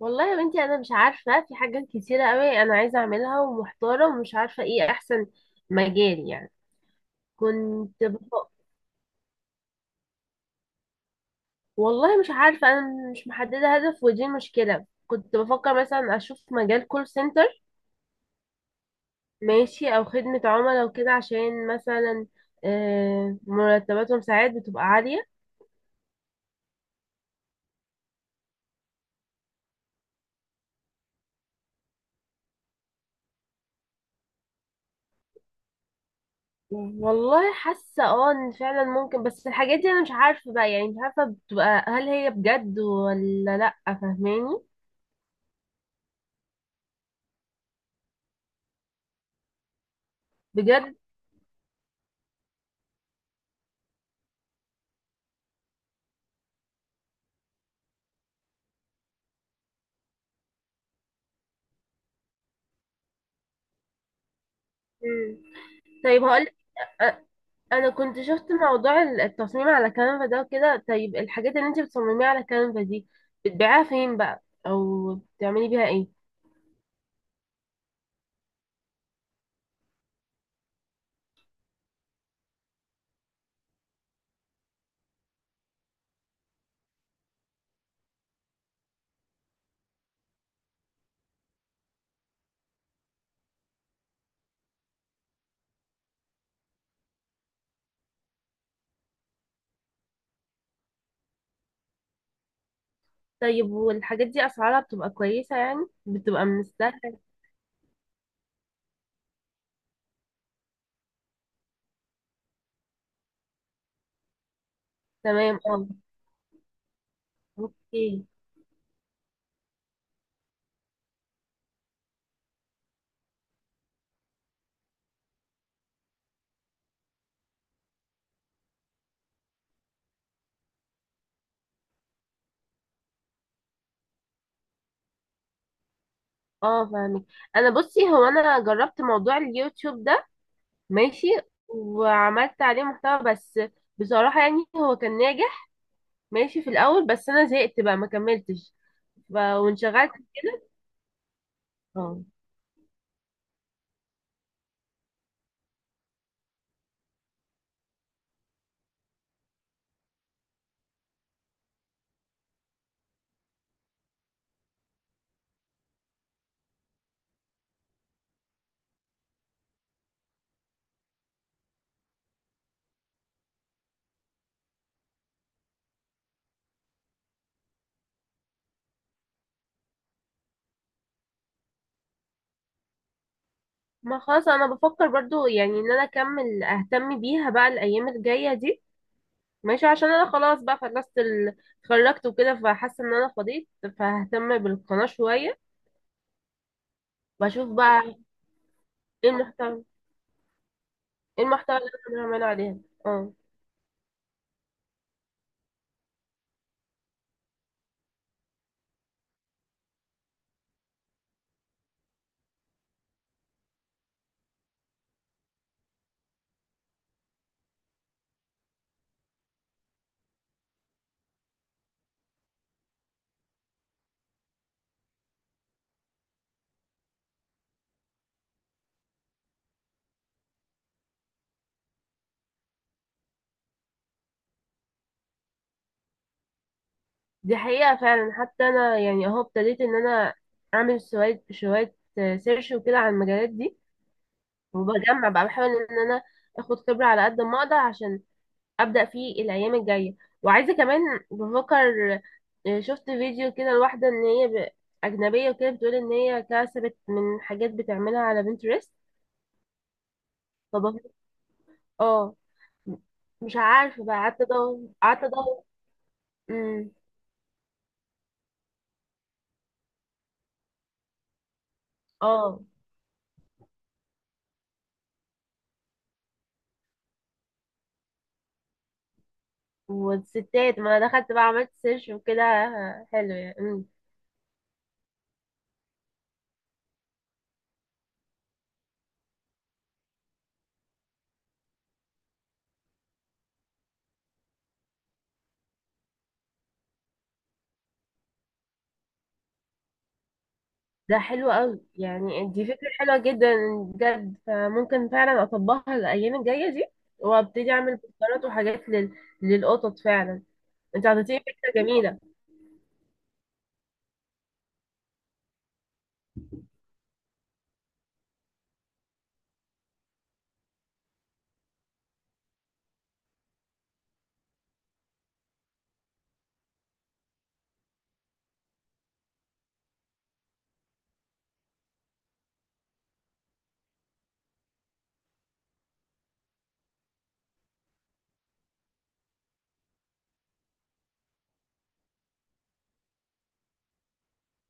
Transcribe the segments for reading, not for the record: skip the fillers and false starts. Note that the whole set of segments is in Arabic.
والله يا بنتي، انا مش عارفه، في حاجات كتيره قوي انا عايزه اعملها ومحتاره ومش عارفه ايه احسن مجال يعني. كنت بف... والله مش عارفه، انا مش محدده هدف ودي مشكله. كنت بفكر مثلا اشوف مجال كول سنتر. ماشي، او خدمه عملاء وكده عشان مثلا مرتباتهم ساعات بتبقى عاليه. والله حاسه، اه، ان فعلا ممكن، بس الحاجات دي انا مش عارفه بقى، يعني مش عارفه بتبقى، هل هي بجد ولا لا؟ فاهماني؟ بجد؟ مم. طيب، هقول أ- انا كنت شفت موضوع التصميم على كانفا ده وكده. طيب، الحاجات اللي انت بتصمميها على كانفا دي بتبيعها فين بقى، او بتعملي بيها ايه؟ طيب، والحاجات دي اسعارها بتبقى كويسة؟ يعني بتبقى من السهل. تمام، اه. اوكي. اه، فاهمك. انا، بصي هو، انا جربت موضوع اليوتيوب ده. ماشي. وعملت عليه محتوى، بس بصراحة يعني هو كان ناجح. ماشي في الاول، بس انا زهقت بقى، ما كملتش. وانشغلت. اه. ما خلاص، انا بفكر برضو يعني ان انا اكمل اهتم بيها بقى الايام الجايه دي. ماشي عشان انا خلاص بقى خلصت اتخرجت وكده، فحاسه ان انا فضيت. فههتم بالقناه شويه، واشوف بقى ايه المحتوى، ايه المحتوى اللي انا بعمله عليها. اه. دي حقيقه فعلا، حتى انا يعني اهو ابتديت ان انا اعمل شويه شويه سيرش وكده على المجالات دي. وبجمع بقى، بحاول ان انا اخد خبره على قد ما اقدر عشان ابدا فيه الايام الجايه. وعايزه كمان. بفكر. شفت فيديو كده لواحده ان هي اجنبيه وكده بتقول ان هي كسبت من حاجات بتعملها على بنترست. فبفكر. اه. مش عارفه بقى، قعدت ادور قعدت ادور. امم. اه. والستات، ما انا دخلت بقى عملت سيرش وكده، حلو يعني. امم. ده حلو قوي يعني، دي فكره حلوه جدا. بجد، فممكن فعلا اطبقها الايام الجايه دي. وابتدي اعمل بوسترات وحاجات للقطط فعلا. انت اعطيتيني فكرة جميلة.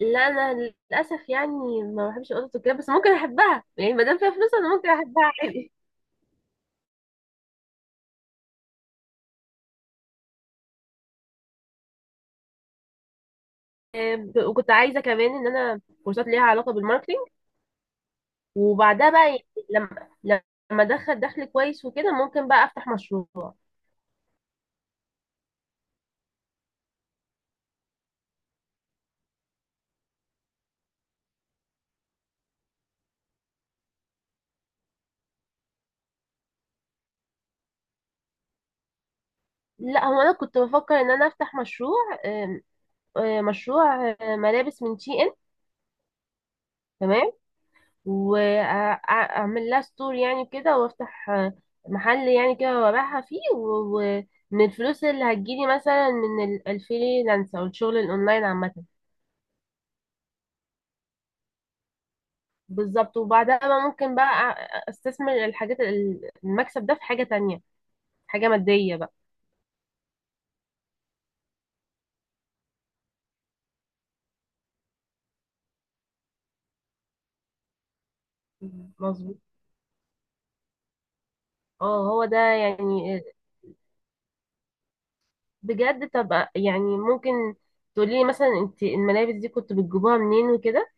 لا، انا للاسف يعني ما بحبش القطط وكده، بس ممكن احبها يعني، ما دام فيها فلوس انا ممكن احبها عادي. وكنت عايزه كمان ان انا كورسات ليها علاقه بالماركتينج. وبعدها بقى يعني، لما لما ادخل دخل كويس وكده، ممكن بقى افتح مشروع. لا، هو انا كنت بفكر ان انا افتح مشروع. آم، مشروع ملابس من شي ان. تمام. واعمل لها ستور يعني كده، وافتح محل يعني كده، وابيعها فيه ومن الفلوس اللي هتجيلي مثلا من الفريلانس او الشغل الاونلاين عامة. بالظبط، وبعدها بقى ممكن بقى استثمر المكسب ده في حاجة تانية. حاجة مادية بقى. مم. مظبوط. اه، هو ده يعني. بجد؟ طب يعني ممكن تقولي لي مثلا انت الملابس دي كنت بتجيبوها منين وكده؟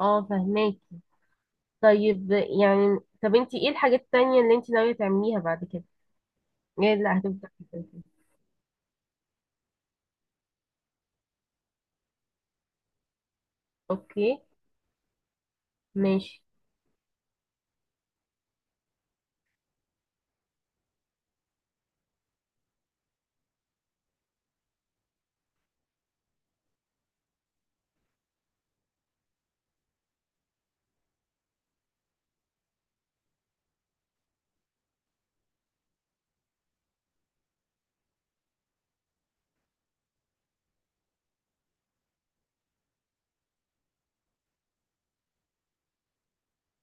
اه، فهماكي. طيب يعني، طب انت ايه الحاجات التانية اللي انت ناوية تعمليها بعد كده؟ ايه اللي هتبدأ في كده؟ اوكي. ماشي.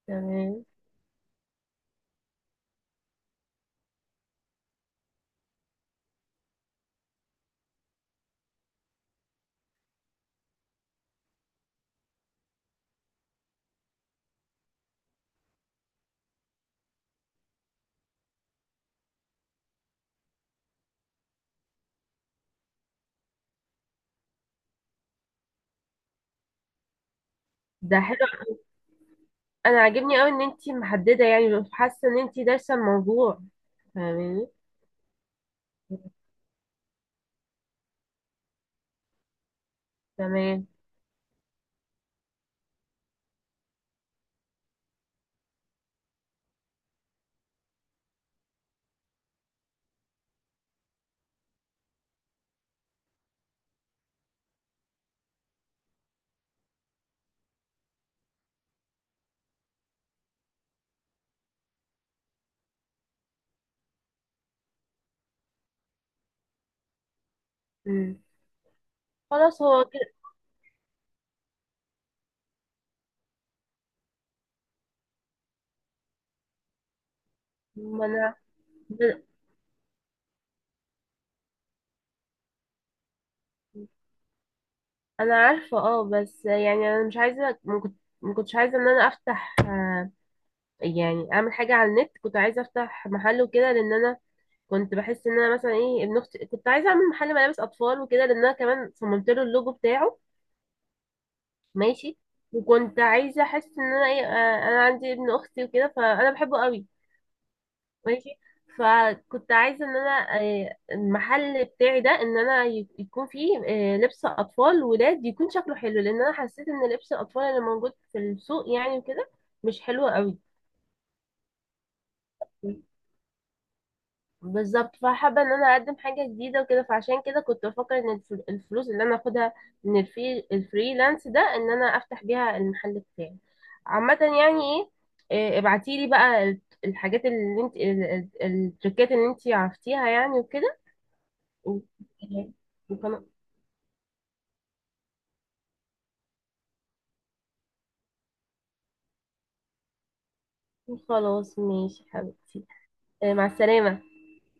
تمام. ده حلو. انا عاجبني قوي ان انت محددة، يعني حاسة ان انت دارسة الموضوع. فاهماني. تمام. مم. خلاص، هو كده. ما انا. انا عارفة، اه، بس يعني انا مش عايزة، ما كنتش عايزة ان انا افتح يعني اعمل حاجة على النت. كنت عايزة افتح محل وكده، لان انا كنت بحس ان انا مثلا ايه، ابن اختي كنت عايزه اعمل محل ملابس اطفال وكده، لان انا كمان صممت له اللوجو بتاعه. ماشي. وكنت عايزه احس ان انا ايه، انا عندي ابن اختي وكده، فانا بحبه قوي. ماشي. فكنت عايزه ان انا، المحل بتاعي ده ان انا يكون فيه لبس اطفال ولاد يكون شكله حلو، لان انا حسيت ان لبس الاطفال اللي موجود في السوق يعني وكده مش حلو قوي. بالظبط، فحابة ان انا اقدم حاجة جديدة وكده، فعشان كده كنت بفكر ان الفلوس اللي انا اخدها من الفريلانس ده، ان انا افتح بيها المحل بتاعي. عامة يعني ايه، إيه، ابعتيلي بقى ال- الحاجات اللي انت ال- ال- التريكات اللي انت عرفتيها يعني وكده. و- وخلاص، ماشي حبيبتي. إيه، مع السلامة.